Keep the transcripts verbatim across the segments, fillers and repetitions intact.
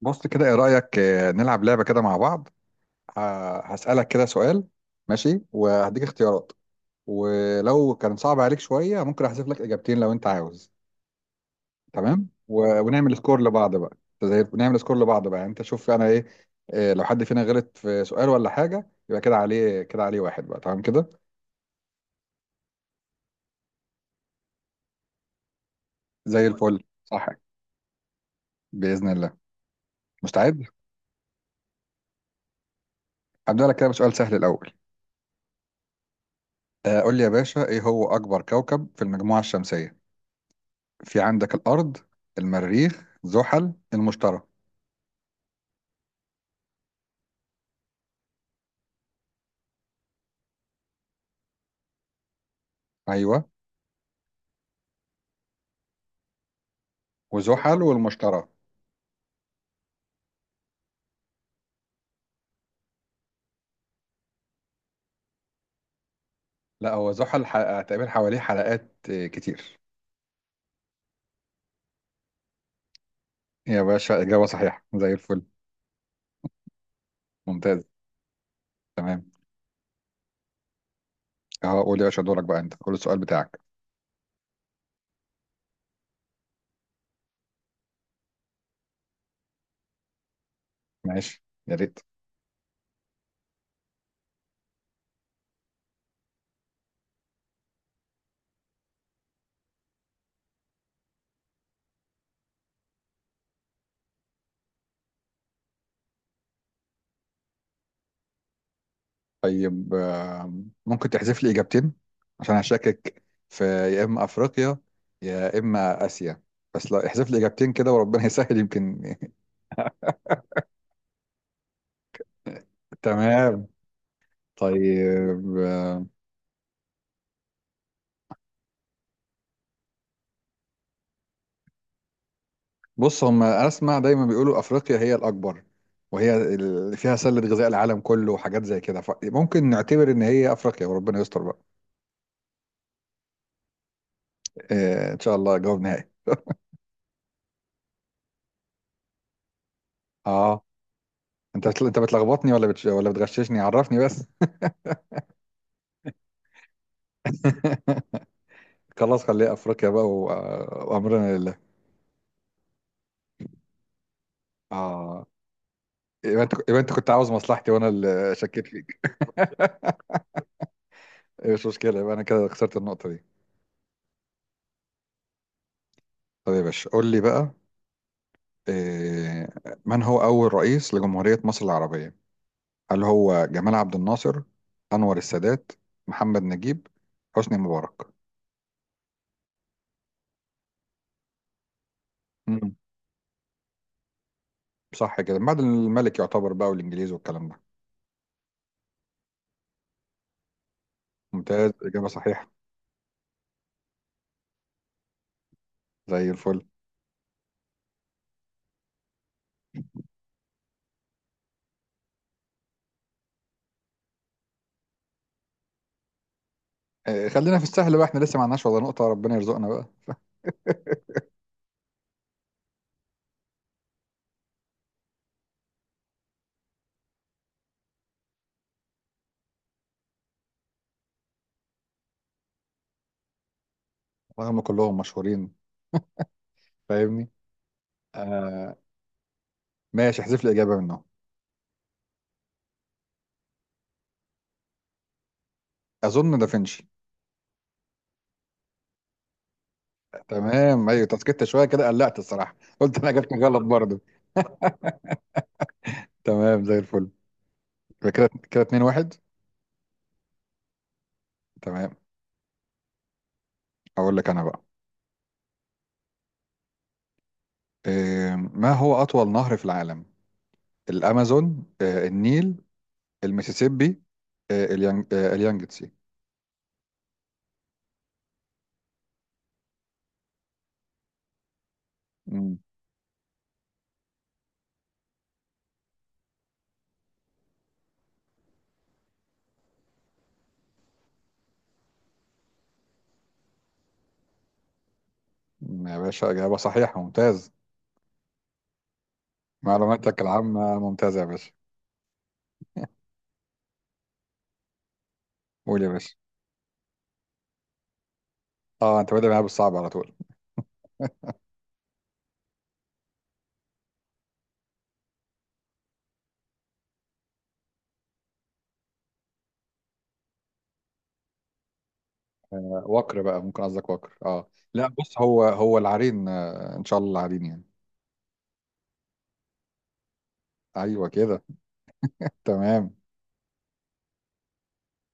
بص كده ايه رأيك آه، نلعب لعبة كده مع بعض. ه- هسألك كده سؤال. ماشي وهديك اختيارات، ولو كان صعب عليك شوية ممكن احذف لك اجابتين لو انت عاوز. تمام و... ونعمل سكور لبعض بقى. زي نعمل سكور لبعض بقى، يعني انت شوف انا ايه. آه، لو حد فينا غلط في سؤال ولا حاجة يبقى كده عليه كده عليه واحد بقى، تمام كده. زي الفل، صح؟ بإذن الله. مستعد؟ هبدأ لك كده بسؤال سهل الأول. آه، قول لي يا باشا، ايه هو أكبر كوكب في المجموعة الشمسية؟ في عندك الأرض، المريخ، زحل، المشتري. أيوه. وزحل والمشتري. لا، هو زحل ح- تقريبا حواليه حلقات آه، كتير. يا باشا إجابة صحيحة، زي الفل. ممتاز. تمام. أهو، قول يا باشا دورك بقى، أنت قول السؤال بتاعك. ماشي يا ريت. طيب آه، ممكن تحذف لي إجابتين؟ عشان هشكك في يا إما أفريقيا يا إما آسيا. بس لا، احذف لي إجابتين كده وربنا يسهل يمكن. تمام. طيب. بص، هم اسمع دايما بيقولوا افريقيا هي الاكبر، وهي اللي فيها سله غذاء العالم كله وحاجات زي كده، فممكن نعتبر ان هي افريقيا وربنا يستر بقى. إيه، ان شاء الله جواب نهائي. اه، انت بتل- انت بتلخبطني ولا بتش... ولا بتغششني؟ عرفني بس. خلاص، خليها افريقيا بقى و... وامرنا لله. اه، يبقى انت يبقى انت كنت عاوز مصلحتي وانا اللي شكيت فيك. إيه، مش مشكله، يبقى انا كده خسرت النقطه دي. طيب يا باشا قول لي بقى، إيه، من هو اول رئيس لجمهوريه مصر العربيه؟ هل هو جمال عبد الناصر، أنور السادات، محمد نجيب، حسني مبارك؟ مم. صح كده، بعد الملك يعتبر بقى والإنجليز والكلام ده. ممتاز، إجابة صحيحة. زي الفل. آه، خلينا في السهل بقى، احنا لسه ما عندناش ولا نقطة، ربنا يرزقنا بقى. وهم كلهم مشهورين، فاهمني. آه. ماشي، احذف لي إجابة منهم. أظن دافنشي. تمام أيوة. تسكت شوية كده، قلقت الصراحة، قلت أنا جبت غلط برضه. تمام زي الفل. يبقى كده كده اتنين واحد. تمام. أقول لك أنا بقى. آه، ما هو أطول نهر في العالم؟ الامازون، آه، النيل، المسيسيبي، آه، اليانج... آه، اليانجتسي. مم. يا باشا اجابه صحيحه، ممتاز. معلوماتك العامه ممتازه يا باشا. قول يا باشا. اه، انت بادئ معايا بالصعب على طول. آه، وكر بقى، ممكن قصدك وكر. اه لا، بص هو هو العرين، آه، ان شاء الله العرين يعني. ايوه كده. تمام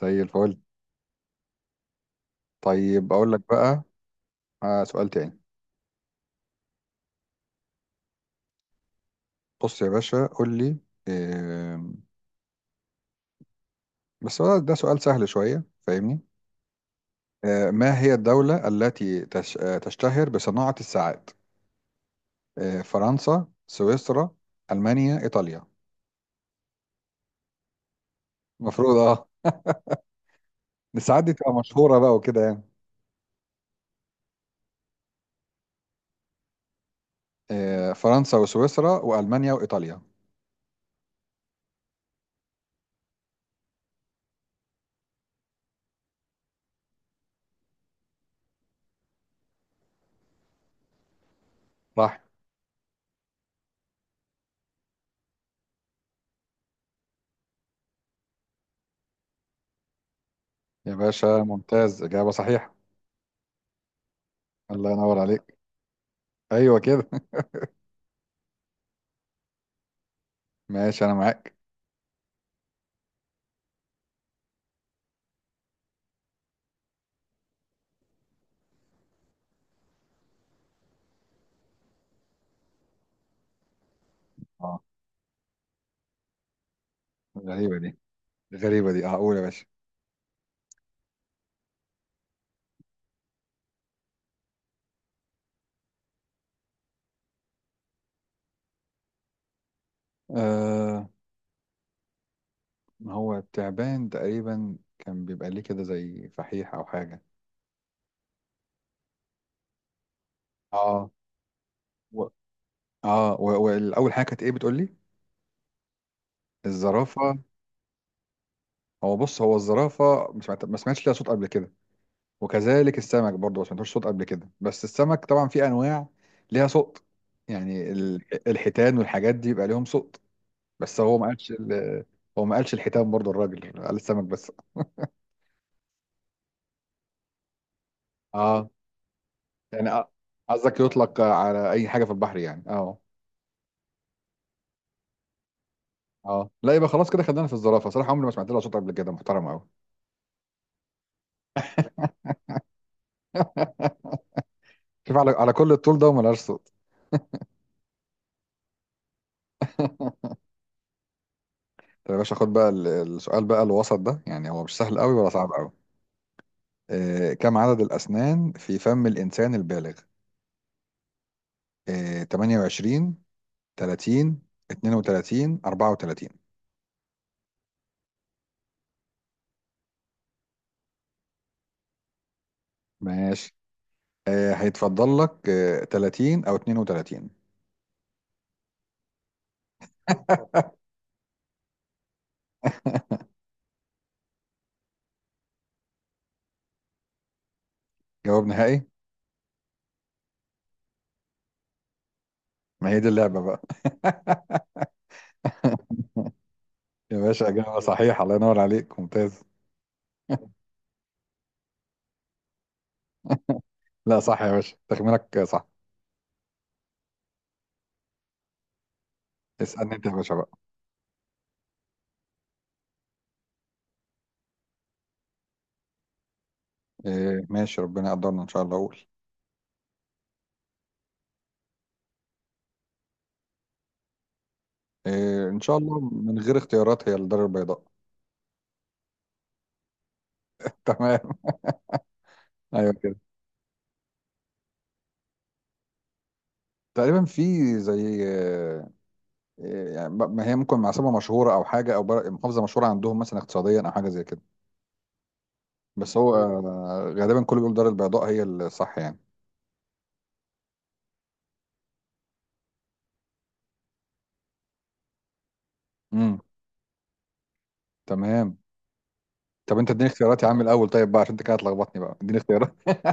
زي الفل. طيب اقول لك بقى، آه، سؤال تاني. بص يا باشا قول لي، آم، بس هو ده سؤال سهل شويه، فاهمني. آه، ما هي الدولة التي تش- آه، تشتهر بصناعة الساعات؟ آه، فرنسا، سويسرا، ألمانيا، إيطاليا. المفروض اه. الساعات دي تبقى مشهورة بقى وكده يعني. آه، فرنسا وسويسرا وألمانيا وإيطاليا. صح يا باشا، ممتاز إجابة صحيحة. الله ينور عليك. أيوه كده. ماشي، أنا معاك. اه. غريبة دي. غريبة دي، اه قول يا باشا. آه ما هو التعبان تقريبا كان بيبقى ليه كده زي فحيح أو حاجة. اه و... اه و- والاول حاجه كانت ايه بتقول لي؟ الزرافة. هو بص، هو الزرافة مش معت- ما سمعتش ليها صوت قبل كده، وكذلك السمك برضه ما سمعتوش صوت قبل كده. بس السمك طبعا في أنواع ليها صوت. يعني ال- الحيتان والحاجات دي بيبقى ليهم صوت. بس هو ما قالش ال- هو ما قالش الحيتان برضه، الراجل قال السمك بس. اه، يعني أ- قصدك يطلق على أي حاجة في البحر يعني. اه. اه لا، يبقى خلاص كده خدنا في الزرافة. صراحة عمري ما سمعت لها صوت قبل كده، محترمة أوي. شوف على على كل الطول ده وما لهاش صوت. طب يا باشا خد بقى ال- السؤال بقى الوسط ده، يعني هو مش سهل قوي ولا صعب قوي. آه، كم عدد الأسنان في فم الإنسان البالغ؟ آه، ثمانية وعشرين، ثلاثين، اتنين وتلاتين، اربعة وتلاتين. ماشي. آه هيتفضل لك آه ثلاثين أو اتنين وتلاتين. جواب نهائي. ما هي دي اللعبة بقى. يا باشا إجابة صحيح، الله ينور عليك، ممتاز. لا صح يا باشا، تخمينك صح. اسألني أنت يا باشا بقى. آه ماشي، ربنا يقدرنا إن شاء الله أقول. آه إن شاء الله من غير اختيارات هي الدار البيضاء. تمام. ايوه كده، تقريبا في زي آه، آه، يعني ب- ما هي ممكن عاصمه مشهوره او حاجه او بر- محافظه مشهوره عندهم مثلا اقتصاديا او حاجه زي كده. بس هو آه، غالبا كله بيقول دار البيضاء هي الصح يعني. امم. تمام. طب انت اديني اختيارات يا عم الاول، طيب بقى عشان انت كده هتلخبطني بقى، اديني اختيارات.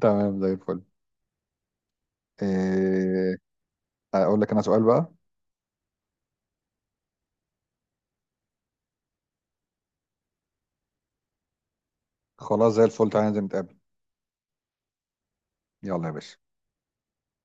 تمام زي الفل. إيه، اقول لك انا سؤال بقى. خلاص زي الفل، تعالى ننزل نتقابل. يلا يا باشا.